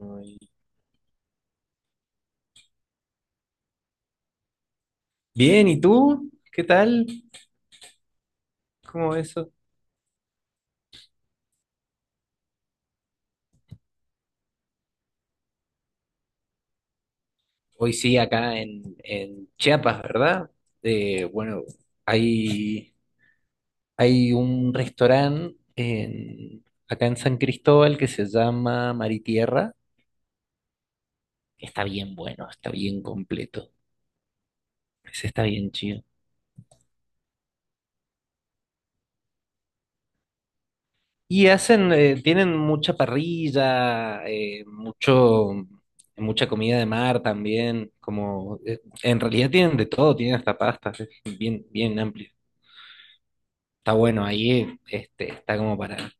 Ay. Bien, ¿y tú? ¿Qué tal? ¿Cómo va eso? Hoy sí, acá en Chiapas, ¿verdad? Bueno, hay, hay un restaurante acá en San Cristóbal que se llama Maritierra, que está bien bueno, está bien completo, ese está bien chido. Y hacen, tienen mucha parrilla, mucha comida de mar también, como, en realidad tienen de todo, tienen hasta pastas, es bien, bien amplio. Está bueno, ahí este, está como para,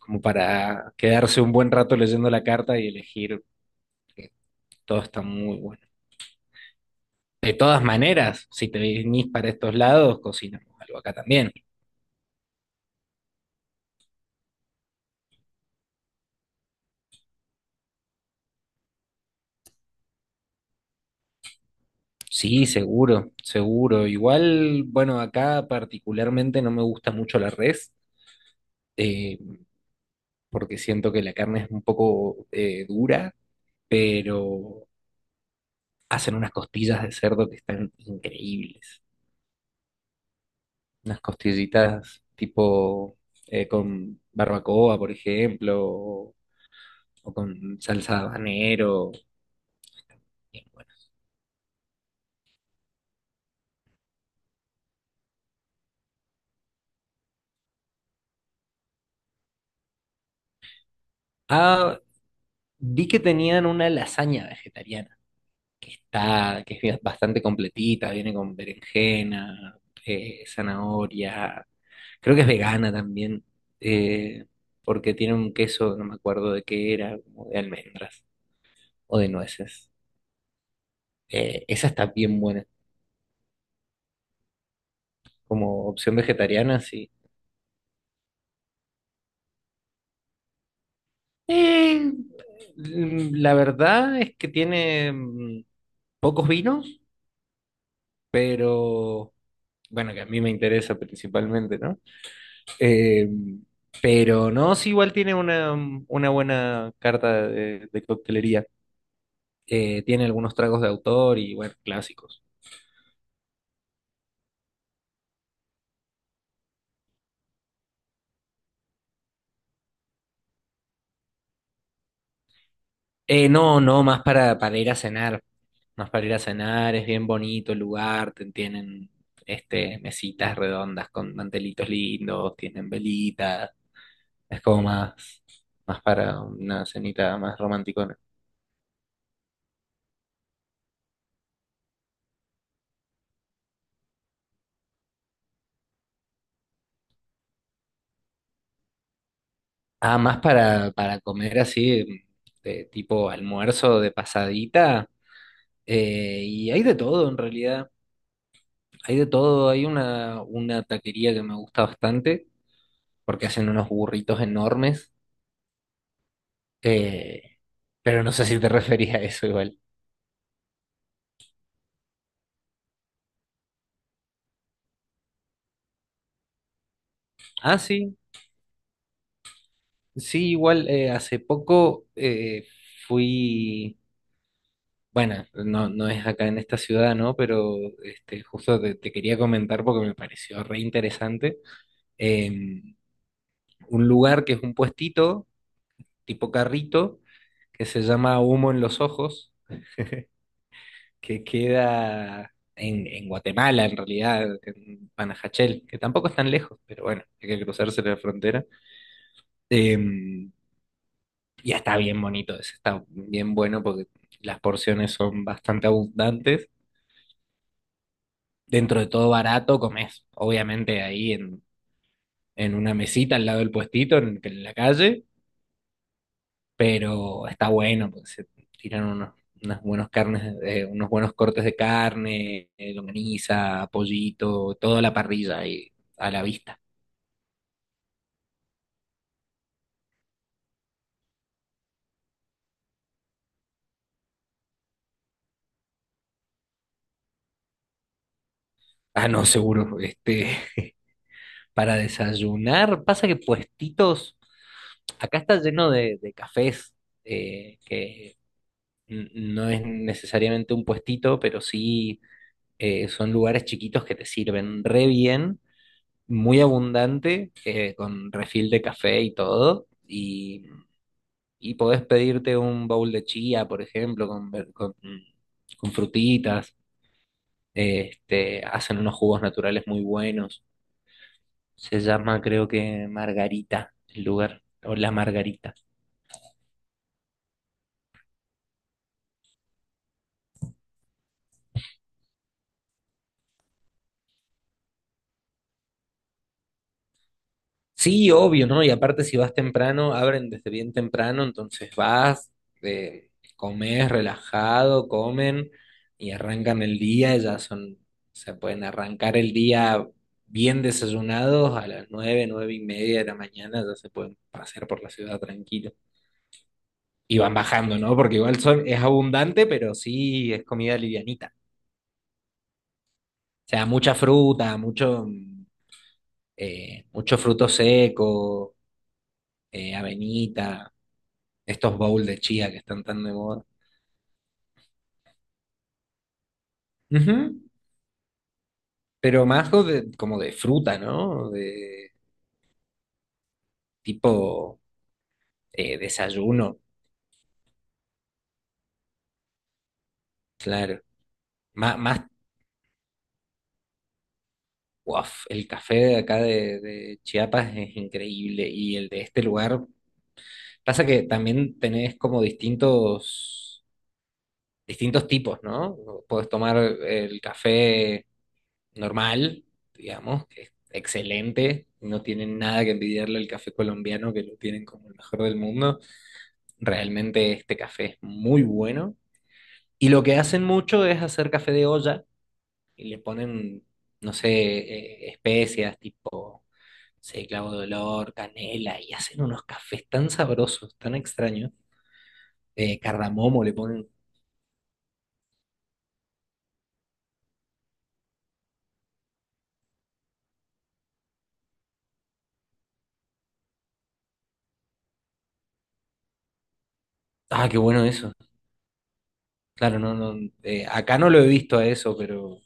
como para quedarse un buen rato leyendo la carta y elegir, que todo está muy bueno. De todas maneras, si te venís para estos lados, cocinamos algo acá también. Sí, seguro, seguro. Igual, bueno, acá particularmente no me gusta mucho la res, eh, porque siento que la carne es un poco dura, pero hacen unas costillas de cerdo que están increíbles. Unas costillitas tipo con barbacoa, por ejemplo, o con salsa de habanero. Bien, bueno. Ah, vi que tenían una lasaña vegetariana, que es bastante completita, viene con berenjena, zanahoria, creo que es vegana también, eh, porque tiene un queso, no me acuerdo de qué era, como de almendras o de nueces. Esa está bien buena, como opción vegetariana, sí. Eh, la verdad es que tiene pocos vinos, pero bueno, que a mí me interesa principalmente, ¿no? Eh, pero no, sí, igual tiene una, una buena carta de coctelería. Tiene algunos tragos de autor y, bueno, clásicos. No, no, más para ir a cenar. Más para ir a cenar, es bien bonito el lugar, tienen este, mesitas redondas con mantelitos lindos, tienen velitas. Es como más, más para una cenita más romanticona. Ah, más para comer así, de tipo almuerzo de pasadita. Y hay de todo en realidad. Hay de todo. Hay una taquería que me gusta bastante porque hacen unos burritos enormes. Eh, pero no sé si te referís a eso igual. Ah, sí. Sí, igual hace poco fui. Bueno, no, no es acá en esta ciudad, ¿no? Pero este, justo te, te quería comentar porque me pareció re interesante. Eh, un lugar que es un puestito, tipo carrito, que se llama Humo en los Ojos, que queda en Guatemala, en realidad, en Panajachel, que tampoco es tan lejos, pero bueno, hay que cruzarse la frontera. Eh, ya está bien bonito, ese está bien bueno porque las porciones son bastante abundantes, dentro de todo barato, comes, obviamente ahí en una mesita al lado del puestito, en la calle, pero está bueno, porque se tiran unos, unas buenos carnes, unos buenos cortes de carne, longaniza, pollito, toda la parrilla ahí a la vista. Ah, no, seguro, este, para desayunar, pasa que puestitos, acá está lleno de cafés, que no es necesariamente un puestito, pero sí son lugares chiquitos que te sirven re bien, muy abundante, con refil de café y todo. Y podés pedirte un bowl de chía, por ejemplo, con frutitas. Este, hacen unos jugos naturales muy buenos. Se llama, creo que Margarita, el lugar, o La Margarita. Sí, obvio, ¿no? Y aparte si vas temprano, abren desde bien temprano, entonces vas, comes relajado, comen y arrancan el día, ya son, se pueden arrancar el día bien desayunados a las nueve, nueve y media de la mañana, ya se pueden pasear por la ciudad tranquilo. Y van bajando, ¿no? Porque igual son, es abundante, pero sí es comida livianita. O sea, mucha fruta, mucho, mucho fruto seco, avenita. Estos bowls de chía que están tan de moda. Ujú. Pero más como de fruta, ¿no? De tipo desayuno, claro. Más, uaf, el café de acá de Chiapas es increíble y el de este lugar. Pasa que también tenés como distintos, distintos tipos, ¿no? Podés tomar el café normal, digamos, que es excelente. No tienen nada que envidiarle al café colombiano, que lo tienen como el mejor del mundo. Realmente este café es muy bueno. Y lo que hacen mucho es hacer café de olla y le ponen, no sé, especias tipo, no sé, clavo de olor, canela y hacen unos cafés tan sabrosos, tan extraños. Cardamomo le ponen. Ah, qué bueno eso. Claro, no, no. Acá no lo he visto a eso,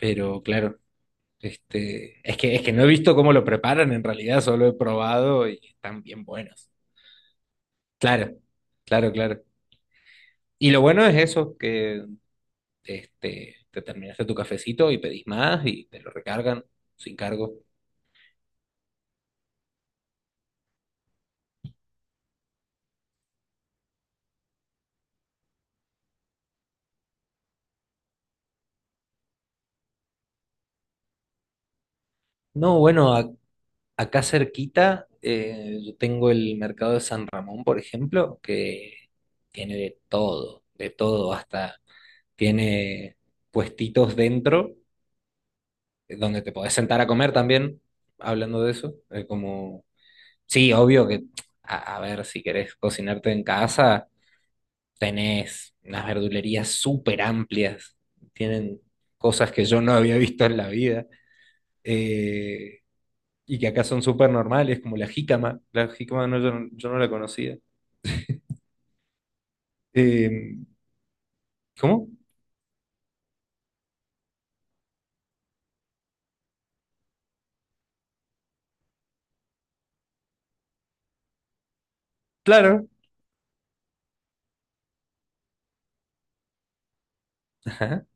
pero claro. Este, es que no he visto cómo lo preparan en realidad, solo he probado y están bien buenos. Claro, claro, claro. Y lo bueno es eso, que este, te terminaste tu cafecito y pedís más y te lo recargan sin cargo. No, bueno, acá cerquita yo tengo el mercado de San Ramón, por ejemplo, que tiene de todo, hasta tiene puestitos dentro, donde te podés sentar a comer también, hablando de eso. Sí, obvio que, a ver, si querés cocinarte en casa. Tenés unas verdulerías súper amplias, tienen cosas que yo no había visto en la vida eh, y que acá son súper normales, como la jícama. La jícama no, yo, yo no la conocía. Eh, ¿Cómo? Claro. Ajá,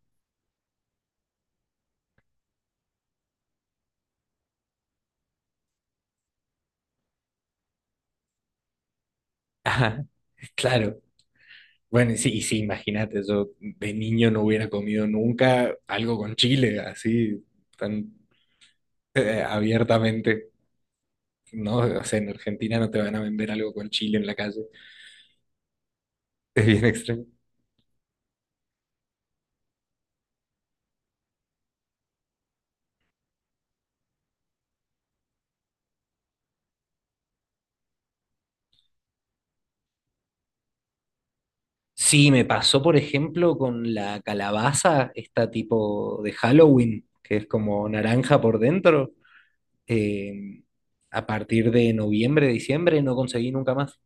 ajá, claro. Bueno, y sí, imagínate, yo de niño no hubiera comido nunca algo con chile, así, tan abiertamente. No, o sea, en Argentina no te van a vender algo con chile en la calle. Es bien extraño. Sí, me pasó, por ejemplo, con la calabaza, esta tipo de Halloween, que es como naranja por dentro. Eh, a partir de noviembre, diciembre, no conseguí nunca más.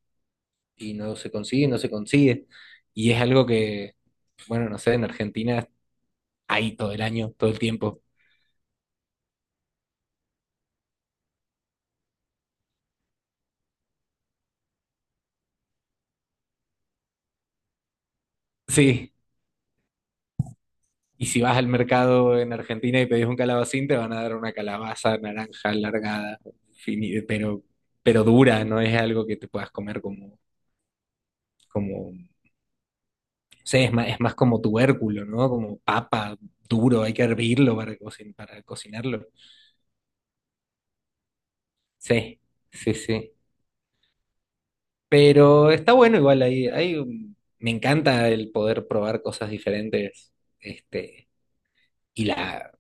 Y no se consigue, no se consigue. Y es algo que, bueno, no sé, en Argentina hay todo el año, todo el tiempo. Sí. Y si vas al mercado en Argentina y pedís un calabacín, te van a dar una calabaza naranja alargada, fini- pero, pero dura, no es algo que te puedas comer como como. Sí, es más como tubérculo, ¿no? Como papa duro, hay que hervirlo para, para cocinarlo. Sí, sí, sí. Pero está bueno igual ahí. Ahí, me encanta el poder probar cosas diferentes, este, y la,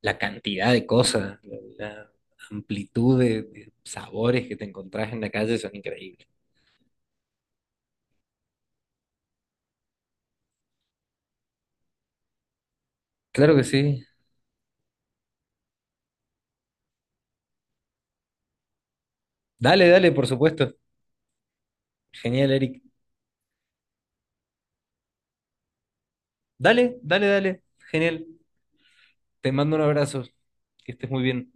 la cantidad de cosas, la amplitud de sabores que te encontrás en la calle son increíbles. Claro que sí. Dale, dale, por supuesto. Genial, Eric. Dale, dale, dale. Genial. Te mando un abrazo. Que estés muy bien.